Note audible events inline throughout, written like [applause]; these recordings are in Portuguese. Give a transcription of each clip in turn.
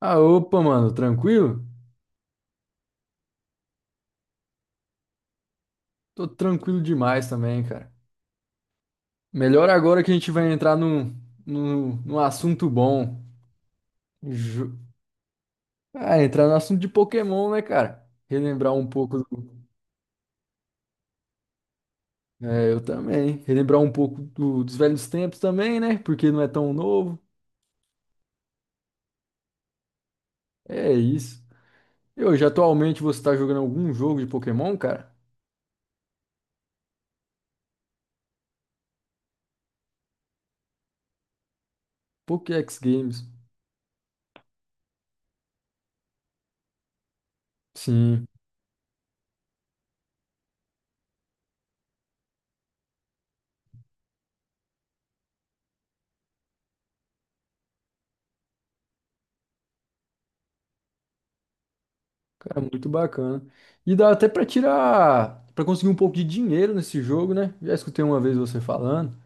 Ah, opa, mano, tranquilo? Tô tranquilo demais também, cara. Melhor agora que a gente vai entrar num assunto bom. Ju- Ah, entrar no assunto de Pokémon, né, cara? Relembrar um pouco do. É, eu também. Relembrar um pouco dos velhos tempos também, né? Porque não é tão novo. É isso. E hoje, atualmente, você tá jogando algum jogo de Pokémon, cara? Pokéx Games. Sim. Cara, muito bacana. E dá até pra conseguir um pouco de dinheiro nesse jogo, né? Já escutei uma vez você falando.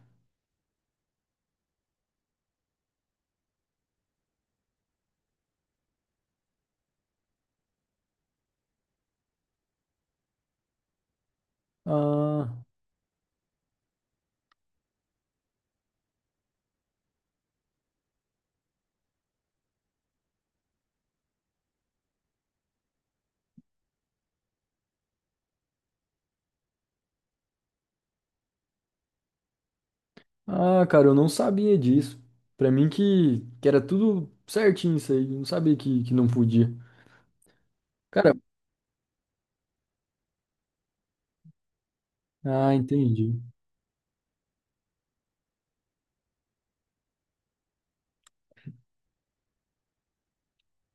Ah, ah, cara, eu não sabia disso. Pra mim que era tudo certinho isso aí, eu não sabia que não podia. Cara, ah, entendi.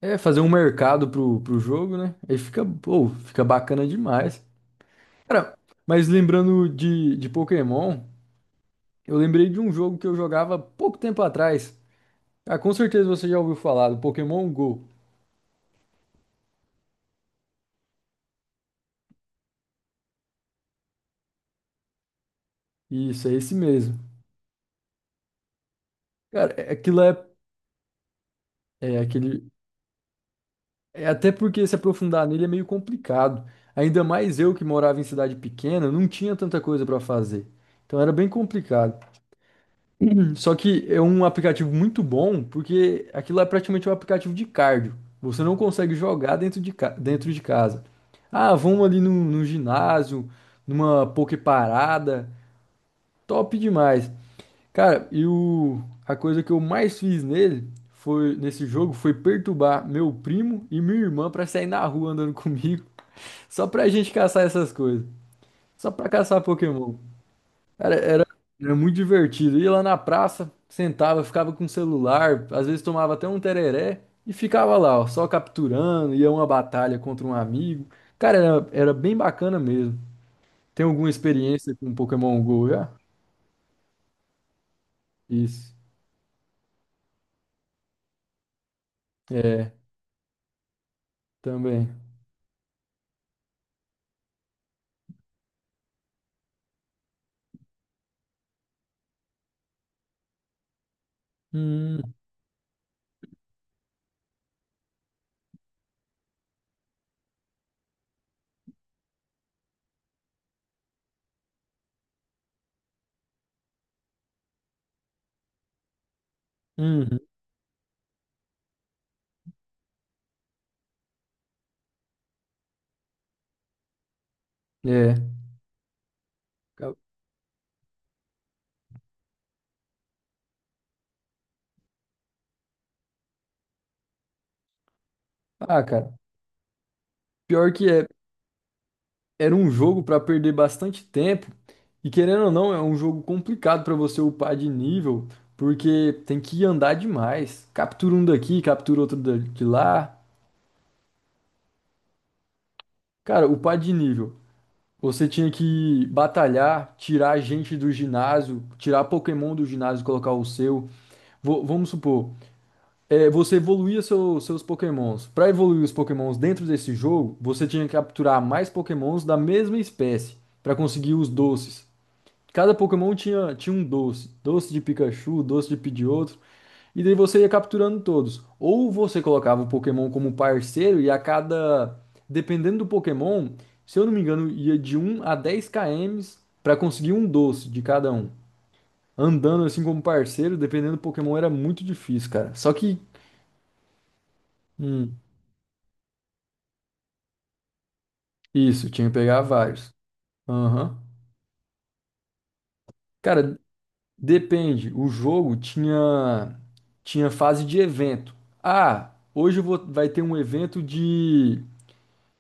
É fazer um mercado pro jogo, né? Aí fica, pô, fica bacana demais. Cara, mas lembrando de Pokémon, eu lembrei de um jogo que eu jogava pouco tempo atrás. Ah, com certeza você já ouviu falar do Pokémon Go. Isso, é esse mesmo. Cara, aquilo é aquele. É até porque se aprofundar nele é meio complicado. Ainda mais eu que morava em cidade pequena, não tinha tanta coisa pra fazer. Então era bem complicado. Só que é um aplicativo muito bom, porque aquilo é praticamente um aplicativo de cardio. Você não consegue jogar dentro de casa. Ah, vamos ali no ginásio, numa poke parada. Top demais. Cara, A coisa que eu mais fiz nele foi nesse jogo foi perturbar meu primo e minha irmã pra sair na rua andando [laughs] comigo, só pra gente caçar essas coisas, só pra caçar Pokémon. Cara, era muito divertido. Ia lá na praça, sentava, ficava com o celular, às vezes tomava até um tereré e ficava lá, ó, só capturando, ia uma batalha contra um amigo. Cara, era bem bacana mesmo. Tem alguma experiência com Pokémon Go já? Isso. É, também. Hum. Uhum, é. Ah, cara, pior que era um jogo pra perder bastante tempo. E querendo ou não, é um jogo complicado pra você upar de nível, porque tem que andar demais. Captura um daqui, captura outro de lá. Cara, upar de nível. Você tinha que batalhar, tirar gente do ginásio, tirar Pokémon do ginásio e colocar o seu. Vamos supor, é, você evoluía seus Pokémons. Para evoluir os Pokémons dentro desse jogo, você tinha que capturar mais Pokémons da mesma espécie para conseguir os doces. Cada Pokémon tinha um doce, doce de Pikachu, doce de Pidgeotto, e daí você ia capturando todos. Ou você colocava o Pokémon como parceiro e a cada, dependendo do Pokémon, se eu não me engano, ia de 1 a 10 km para conseguir um doce de cada um. Andando assim como parceiro, dependendo do Pokémon, era muito difícil, cara. Só que. Hum. Isso, tinha que pegar vários. Aham. Cara, depende. O jogo tinha fase de evento. Ah, hoje vai ter um evento de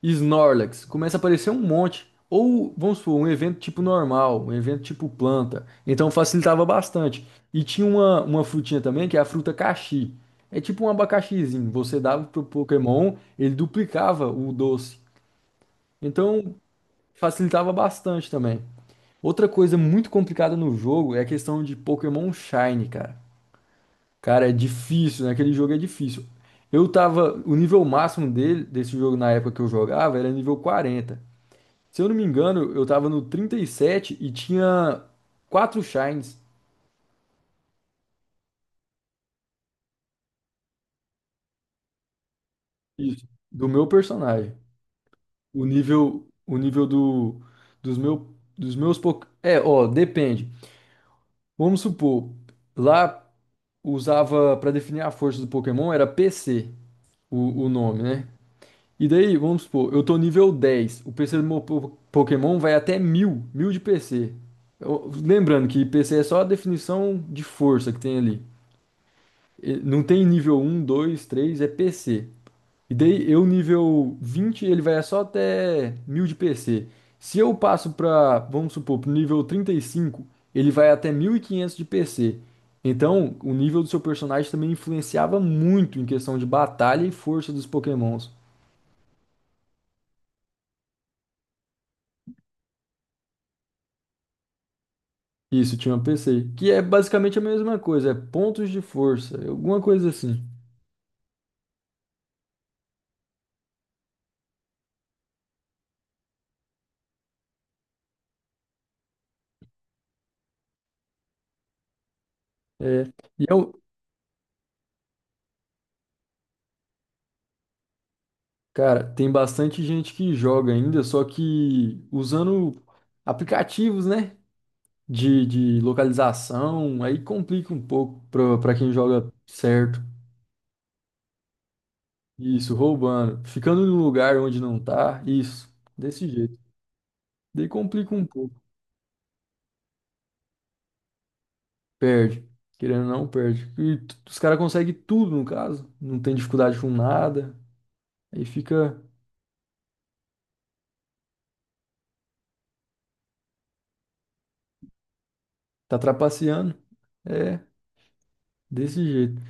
Snorlax. Começa a aparecer um monte. Ou, vamos supor, um evento tipo normal, um evento tipo planta. Então facilitava bastante. E tinha uma frutinha também, que é a fruta caxi. É tipo um abacaxizinho. Você dava pro Pokémon, ele duplicava o doce. Então facilitava bastante também. Outra coisa muito complicada no jogo é a questão de Pokémon Shine, cara. Cara, é difícil, né? Aquele jogo é difícil. Eu tava. O nível máximo dele, desse jogo na época que eu jogava era nível 40. Se eu não me engano, eu tava no 37 e tinha quatro Shines. Isso. Do meu personagem. O nível. O nível do. Dos, meu, dos meus. É, ó, depende. Vamos supor, lá usava pra definir a força do Pokémon era PC, o nome, né? E daí, vamos supor, eu tô nível 10. O PC do meu Pokémon vai até mil de PC. Lembrando que PC é só a definição de força que tem ali. E não tem nível um 2 três, é PC. E daí, eu nível 20, ele vai só até 1000 de PC. Se eu passo vamos supor, pro nível 35, ele vai até 1500 de PC. Então, o nível do seu personagem também influenciava muito em questão de batalha e força dos Pokémons. Isso, tinha uma PC, que é basicamente a mesma coisa, é pontos de força, alguma coisa assim. É, e é o cara, tem bastante gente que joga ainda, só que usando aplicativos, né, de localização, aí complica um pouco pra quem joga certo. Isso, roubando, ficando no lugar onde não tá, isso, desse jeito. Daí complica um pouco, perde, querendo ou não, perde. E os caras conseguem tudo, no caso, não tem dificuldade com nada. Aí fica. Tá trapaceando? É, desse jeito.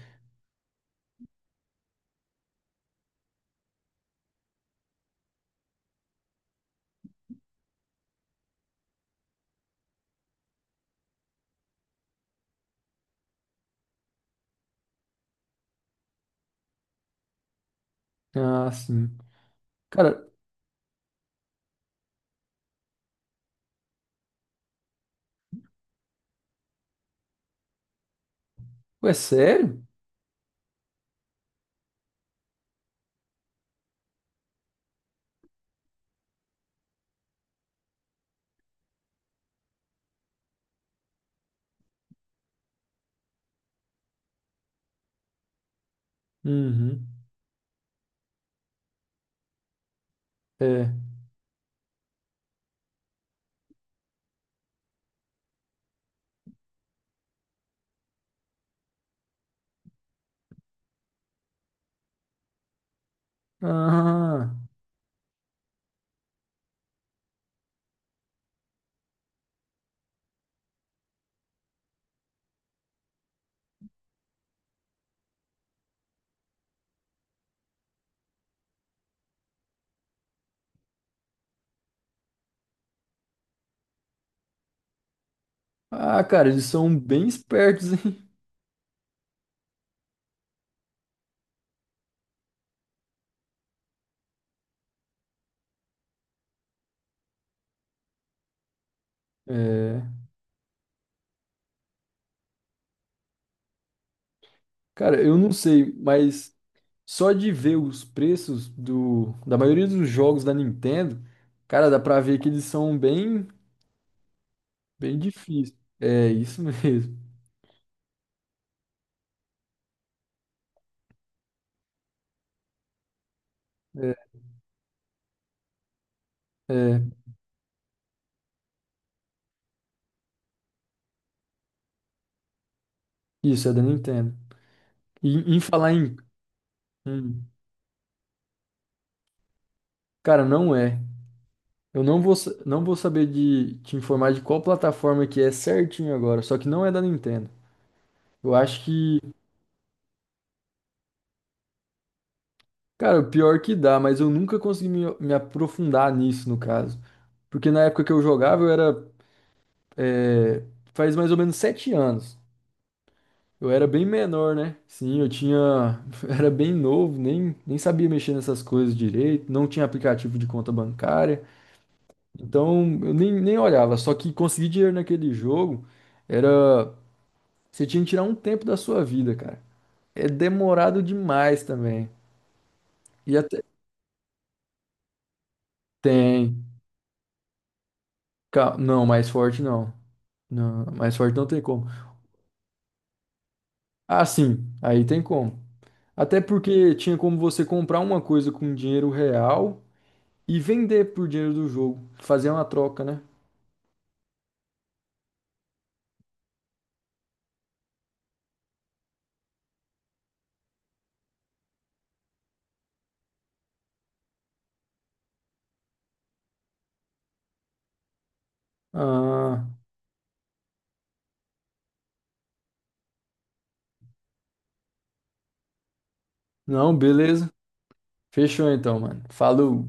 Ah, sim. Cara, ué, sério? Uhum. É. Ah, ah, cara, eles são bem espertos, hein? [laughs] É. Cara, eu não sei, mas só de ver os preços da maioria dos jogos da Nintendo, cara, dá pra ver que eles são bem, bem difíceis. É, isso [laughs] mesmo. É, é, isso é da Nintendo. E em falar em. hum, Cara, não é. Eu não vou, sa- Não vou saber de te informar de qual plataforma que é certinho agora, só que não é da Nintendo. Eu acho que, cara, o pior que dá, mas eu nunca consegui me aprofundar nisso, no caso. Porque na época que eu jogava, é, faz mais ou menos 7 anos. Eu era bem menor, né? Sim, eu tinha, [laughs] eu era bem novo, nem sabia mexer nessas coisas direito, não tinha aplicativo de conta bancária, então eu nem olhava. Só que conseguir dinheiro naquele jogo era. Você tinha que tirar um tempo da sua vida, cara. É demorado demais também. E até tem. Não, mais forte não. Não, mais forte não tem como. Ah, sim, aí tem como. Até porque tinha como você comprar uma coisa com dinheiro real e vender por dinheiro do jogo. Fazer uma troca, né? Ah, não, beleza. Fechou então, mano. Falou.